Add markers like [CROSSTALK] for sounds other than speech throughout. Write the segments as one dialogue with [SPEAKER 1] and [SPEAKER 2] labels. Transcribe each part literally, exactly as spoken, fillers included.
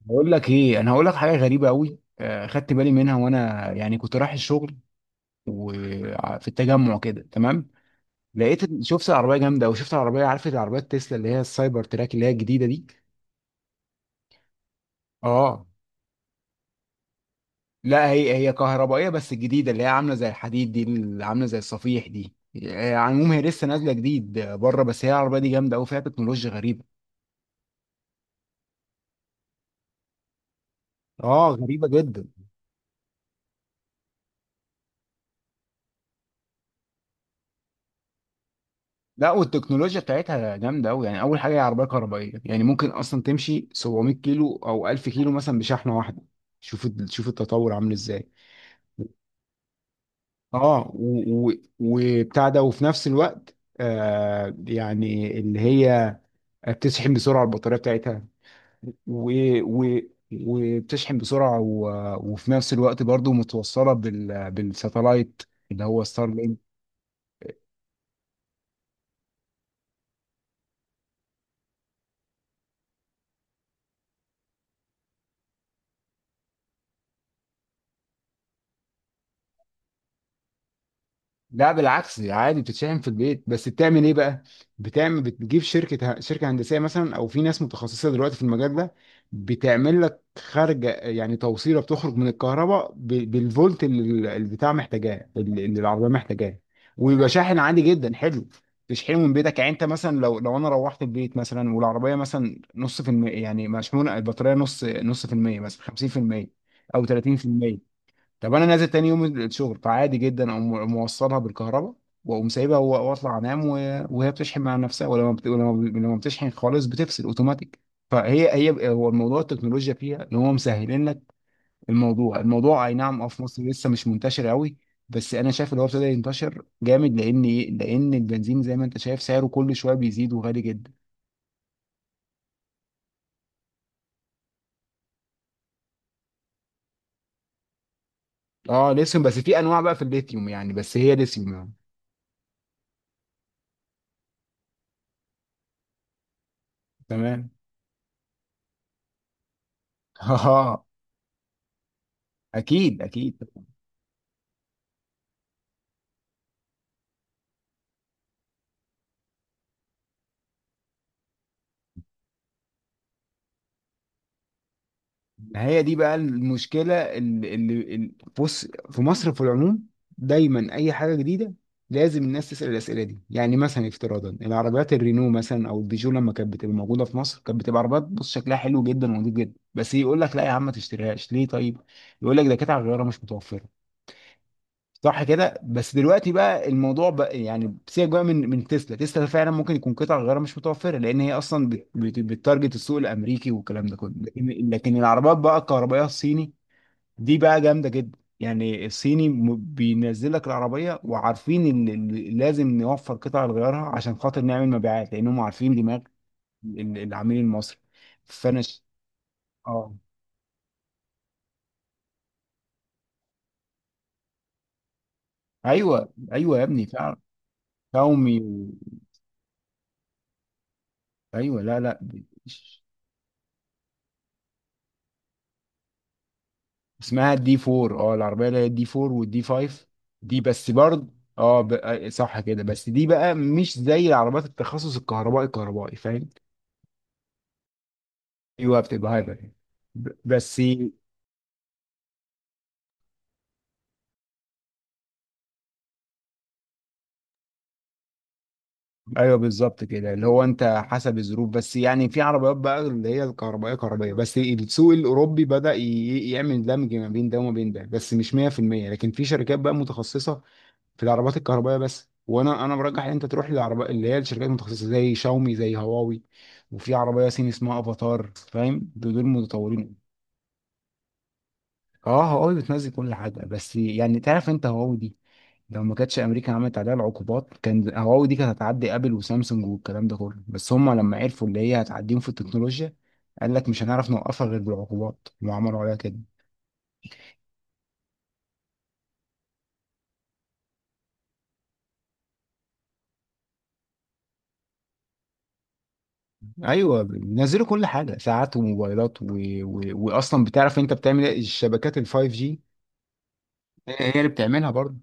[SPEAKER 1] بقول لك ايه، انا هقول لك حاجه غريبه قوي. آه، خدت بالي منها وانا يعني كنت رايح الشغل وفي التجمع كده. تمام. لقيت شفت العربيه جامده، او شفت العربيه. عارف العربيات تسلا اللي هي السايبر تراك اللي هي الجديده دي؟ اه. لا، هي هي كهربائيه بس الجديده اللي هي عامله زي الحديد دي، اللي عامله زي الصفيح دي. آه، على العموم هي لسه نازله جديد بره، بس هي العربيه دي جامده قوي، فيها تكنولوجيا غريبه. اه غريبه جدا. لا، والتكنولوجيا بتاعتها جامده قوي. يعني اول حاجه هي عربيه كهربائيه، يعني ممكن اصلا تمشي سبعمية كيلو او الف كيلو مثلا بشحنه واحده. شوف ال- شوف التطور عامل ازاي. اه و- و- وبتاع ده، وفي نفس الوقت آه يعني اللي هي بتشحن بسرعه البطاريه بتاعتها، و و وبتشحن بسرعه و... وفي نفس الوقت برضو متوصله بال... بالساتلايت اللي هو ستار. لا بالعكس، عادي بتتشحن في البيت. بس بتعمل ايه بقى، بتعمل، بتجيب شركة ه- شركة هندسية مثلا، او في ناس متخصصة دلوقتي في المجال ده. بتعمل لك خارجة، يعني توصيلة بتخرج من الكهرباء ب- بالفولت اللي ال- البتاع محتاجاه، اللي اللي العربية محتاجاه. ويبقى شاحن عادي جدا حلو، تشحنه من بيتك. يعني انت مثلا لو لو انا روحت البيت مثلا، والعربية مثلا نص في المية، يعني مشحونة البطارية نص نص في المية مثلا خمسين في المية او تلاتين في المية. طب انا نازل تاني يوم الشغل، فعادي جدا اقوم موصلها بالكهرباء، واقوم سايبها و- واطلع انام، و- وهي بتشحن مع نفسها. ولما بت... ولما لما بتشحن خالص بتفصل اوتوماتيك. فهي هي هو الموضوع، التكنولوجيا فيها ان هو مسهلين لك الموضوع. الموضوع اي نعم، اه في مصر لسه مش منتشر قوي. بس انا شايف ان هو ابتدى ينتشر جامد. لان ايه؟ لان البنزين زي ما انت شايف سعره كل شويه بيزيد، وغالي جدا. اه ليثيوم، بس في انواع بقى في الليثيوم يعني، بس هي ليثيوم يعني. تمام. [LAUGHS] اه، اكيد اكيد. هي دي بقى المشكلة اللي اللي- اللي- بص، في مصر في العموم دايما أي حاجة جديدة لازم الناس تسأل الأسئلة دي. يعني مثلا افتراضا العربيات الرينو مثلا أو البيجو، لما كانت بتبقى موجودة في مصر، كانت بتبقى عربيات بص شكلها حلو جدا ونضيف جدا. بس يقول لك لا يا عم ما تشتريهاش. ليه؟ طيب يقول لك ده كانت على الغيارة مش متوفرة. صح كده. بس دلوقتي بقى الموضوع بقى يعني سيبك بقى من من تسلا. تسلا فعلا ممكن يكون قطع غيارها مش متوفره، لان هي اصلا بت- بت- بتتارجت السوق الامريكي والكلام ده كله. لكن لكن العربيات بقى الكهربائيه الصيني دي بقى جامده جدا. يعني الصيني م- بينزل لك العربيه وعارفين ال- ال- لازم نوفر قطع لغيارها عشان خاطر نعمل مبيعات، لانهم عارفين دماغ ال- العميل المصري. فانا ش- اه. ايوه ايوه يا ابني فعلا. xiaomi و... ايوه. لا لا، اسمها الدي اربعة. اه العربيه اللي هي الدي اربعة والدي خمسة. دي بس برضه اه ب... آه، صح كده. بس دي بقى مش زي العربيات التخصص الكهربائي، الكهربائي فاهم. ايوه بتبقى هايبر يعني. ب- بس ايوه بالظبط كده، اللي هو انت حسب الظروف. بس يعني في عربيات بقى اللي هي الكهربائيه، كهربائيه بس، السوق الاوروبي بدأ ي- يعمل دمج ما بين ده وما بين ده، بس مش مية في المية. لكن في شركات بقى متخصصه في العربات الكهربائيه بس، وانا انا برجح ان انت تروح للعربية اللي هي الشركات المتخصصه زي شاومي، زي هواوي. وفي عربيه صيني اسمها افاتار، فاهم؟ دول دول متطورين. اه هواوي بتنزل كل حاجه. بس يعني تعرف انت هواوي دي لو ما كانتش امريكا عملت عليها العقوبات كان هواوي دي كانت هتعدي ابل وسامسونج والكلام ده كله. بس هم لما عرفوا اللي هي هتعديهم في التكنولوجيا قال لك مش هنعرف نوقفها غير بالعقوبات، وعملوا عليها كده. ايوه بينزلوا كل حاجه، ساعات وموبايلات و... و... واصلا بتعرف انت بتعمل ايه؟ الشبكات ال فايف جي هي اللي بتعملها برضه.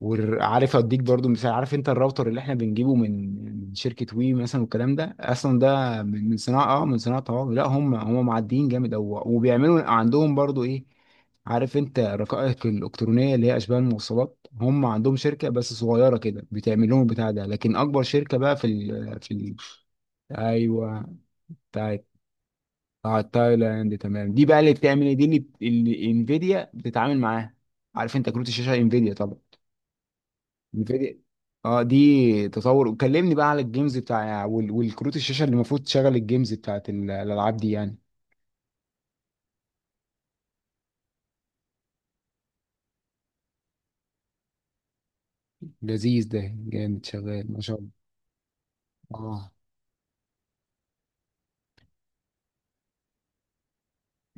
[SPEAKER 1] وعارف اديك برضه مثال، عارف انت الراوتر اللي احنا بنجيبه من من شركه وي مثلا، والكلام ده اصلا ده من من صناعه، اه من صناعه هواوي. لا هم هم معديين جامد. او وبيعملوا عندهم برضه ايه، عارف انت الرقائق الالكترونيه اللي هي اشباه الموصلات؟ هم عندهم شركه بس صغيره كده بتعمل لهم البتاع ده. لكن اكبر شركه بقى في ال في ال ايوه. بتاعت، بتاعت تايلاند. تمام دي بقى اللي بتعمل ايه دي اللي اللي انفيديا بتتعامل معاها. عارف انت كروت الشاشه انفيديا طبعا. نفيديا. اه دي تطور، وكلمني بقى على الجيمز بتاع وال- والكروت الشاشه اللي المفروض تشغل الجيمز بتاعت ال- الالعاب دي يعني. لذيذ ده جامد شغال ما شاء الله. اه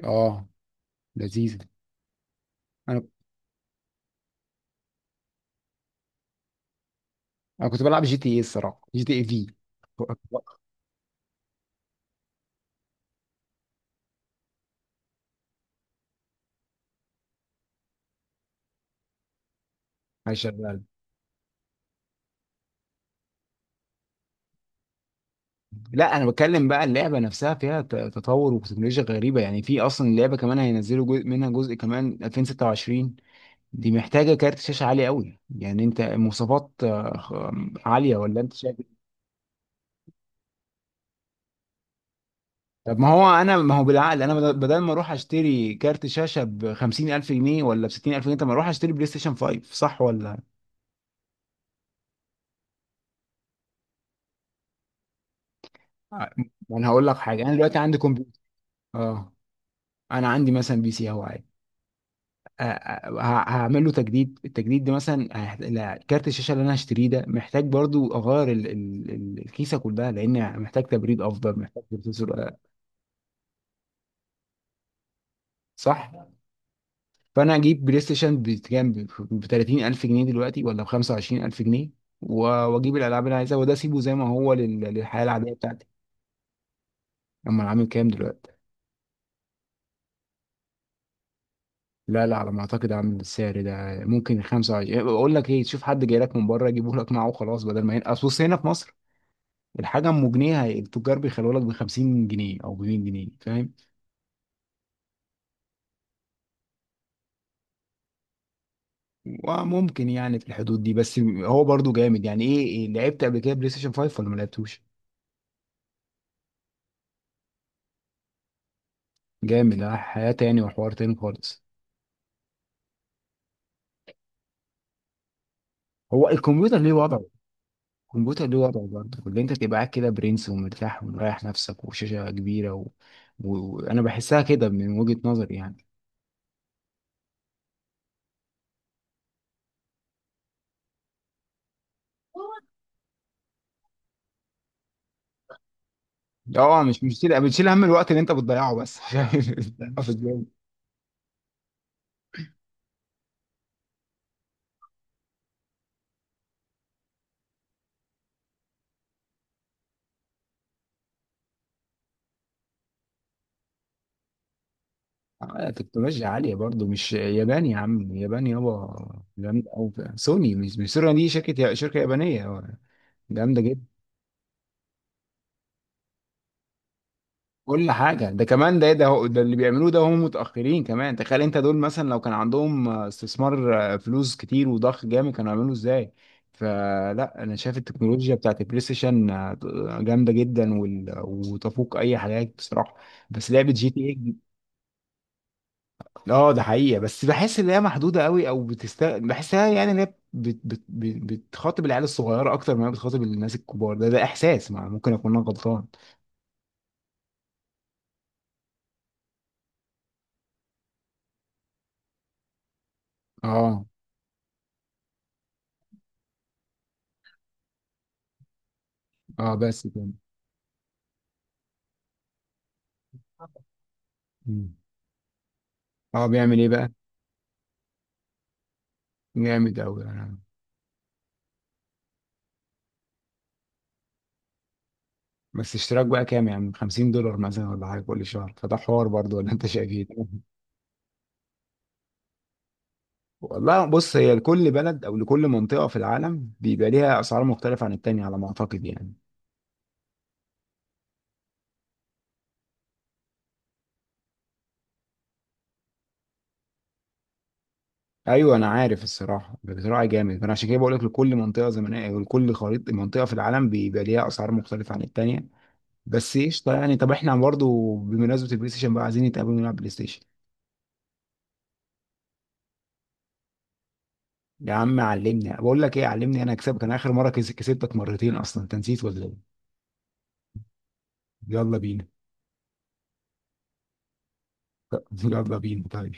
[SPEAKER 1] اه، لذيذ. انا انا كنت بلعب جي تي ايه، الصراحه جي تي ايه في. شغال. لا انا بتكلم بقى، اللعبه نفسها فيها ت- تطور وتكنولوجيا غريبه يعني. في اصلا اللعبه كمان هينزلوا جزء منها، جزء كمان الفين وستة وعشرين. دي محتاجه كارت شاشه عالي قوي. يعني انت مواصفات آه، خ- عاليه ولا انت شايف؟ طب ما هو انا، ما هو بالعقل انا بدل بدل ما اروح اشتري كارت شاشه ب خمسين الف جنيه ولا ب ستين الف جنيه، طب ما اروح اشتري بلاي ستيشن خمسة. صح ولا؟ ع- ما انا هقول لك حاجه، انا دلوقتي عندي كمبيوتر. اه. انا عندي مثلا بي سي اهو عادي. آه، آه، ه- هعمل له تجديد، التجديد ده مثلا هيحت- لا، كارت الشاشه اللي انا هشتريه ده محتاج برضو اغير ال... ال... ال- الكيسه كلها، لان محتاج تبريد افضل، محتاج بروسيسور آه، صح. فانا اجيب بلاي ستيشن بكام؟ ب تلاتين الف جنيه دلوقتي ولا ب خمسة وعشرين الف جنيه، و- واجيب الالعاب اللي عايزها وده اسيبه زي ما هو لل- للحياه العاديه بتاعتي. اما العامل كام دلوقتي؟ لا لا، على ما اعتقد عامل السعر ده ممكن خمسة وعشرين، اقول لك ايه، تشوف حد جاي لك من بره يجيبه لك معاه وخلاص بدل ما ينقص. بص هنا في مصر الحاجه ام جنيه هي- التجار بيخلوها لك ب خمسين جنيه او ب ميت جنيه، فاهم. وممكن يعني في الحدود دي. بس هو برضو جامد يعني ايه. إيه، لعبت قبل كده بلاي ستيشن خمسة ولا ما لعبتوش؟ جامد. اه حياة تاني وحوار تاني خالص. هو الكمبيوتر ليه وضعه، الكمبيوتر ليه وضعه برضه، اللي انت تبقى قاعد كده برنس ومرتاح ومريح نفسك وشاشة كبيرة و... و- وانا بحسها كده من وجهة نظري يعني. اه مش مش بتشيل بتشيل هم الوقت اللي انت بتضيعه، بس [LAUGHS] بتضيعه في الجيم. آه، تكنولوجيا عالية برضه، مش ياباني يا عم؟ ياباني، يابا جامدة أوي. سوني، مش مش سوني دي شركة شركة يابانية. اه، جامدة. كل حاجة. ده كمان ده ده هو- ده اللي بيعملوه ده، هم متأخرين كمان. تخيل انت دول مثلا لو كان عندهم آه، استثمار، آه، فلوس كتير وضخ جامد، كانوا يعملوا ازاي. فلا انا شايف التكنولوجيا بتاعت البلاي ستيشن آه، جامدة جدا وال- وتفوق اي حاجات بصراحة. بس لعبة جي تي اي. اه ده حقيقة. بس بحس ان هي محدودة قوي، او بتست بحسها يعني ان هي بت... بت... بت... بتخاطب العيال الصغيرة اكتر ما هي بتخاطب الناس الكبار. ده ده احساس مع- ممكن اكون انا غلطان. اه اه، بس كده. مم. اه، بيعمل ايه بقى؟ جامد أوي يعني. بس اشتراك بقى كام يعني، خمسين دولار مثلا ولا حاجة كل شهر، فده حوار برضه ولا أنت شايف إيه؟ والله بص، هي لكل بلد أو لكل منطقة في العالم بيبقى ليها أسعار مختلفة عن التانية على ما أعتقد يعني. أيوه أنا عارف. الصراحة بصراحة جامد. أنا عشان كده بقول لك لكل منطقة زمنية أو لكل خريطة منطقة في العالم بيبقى ليها أسعار مختلفة عن التانية. بس قشطة يعني، طب إحنا برضه بمناسبة البلاي ستيشن بقى عايزين نتقابل ونلعب بلاي ستيشن. يا عم علمني، بقول لك إيه، علمني أنا أكسبك. أنا آخر مرة كس- كسبتك مرتين أصلا أنت نسيت ولا إيه؟ يلا بينا. يلا بينا طيب.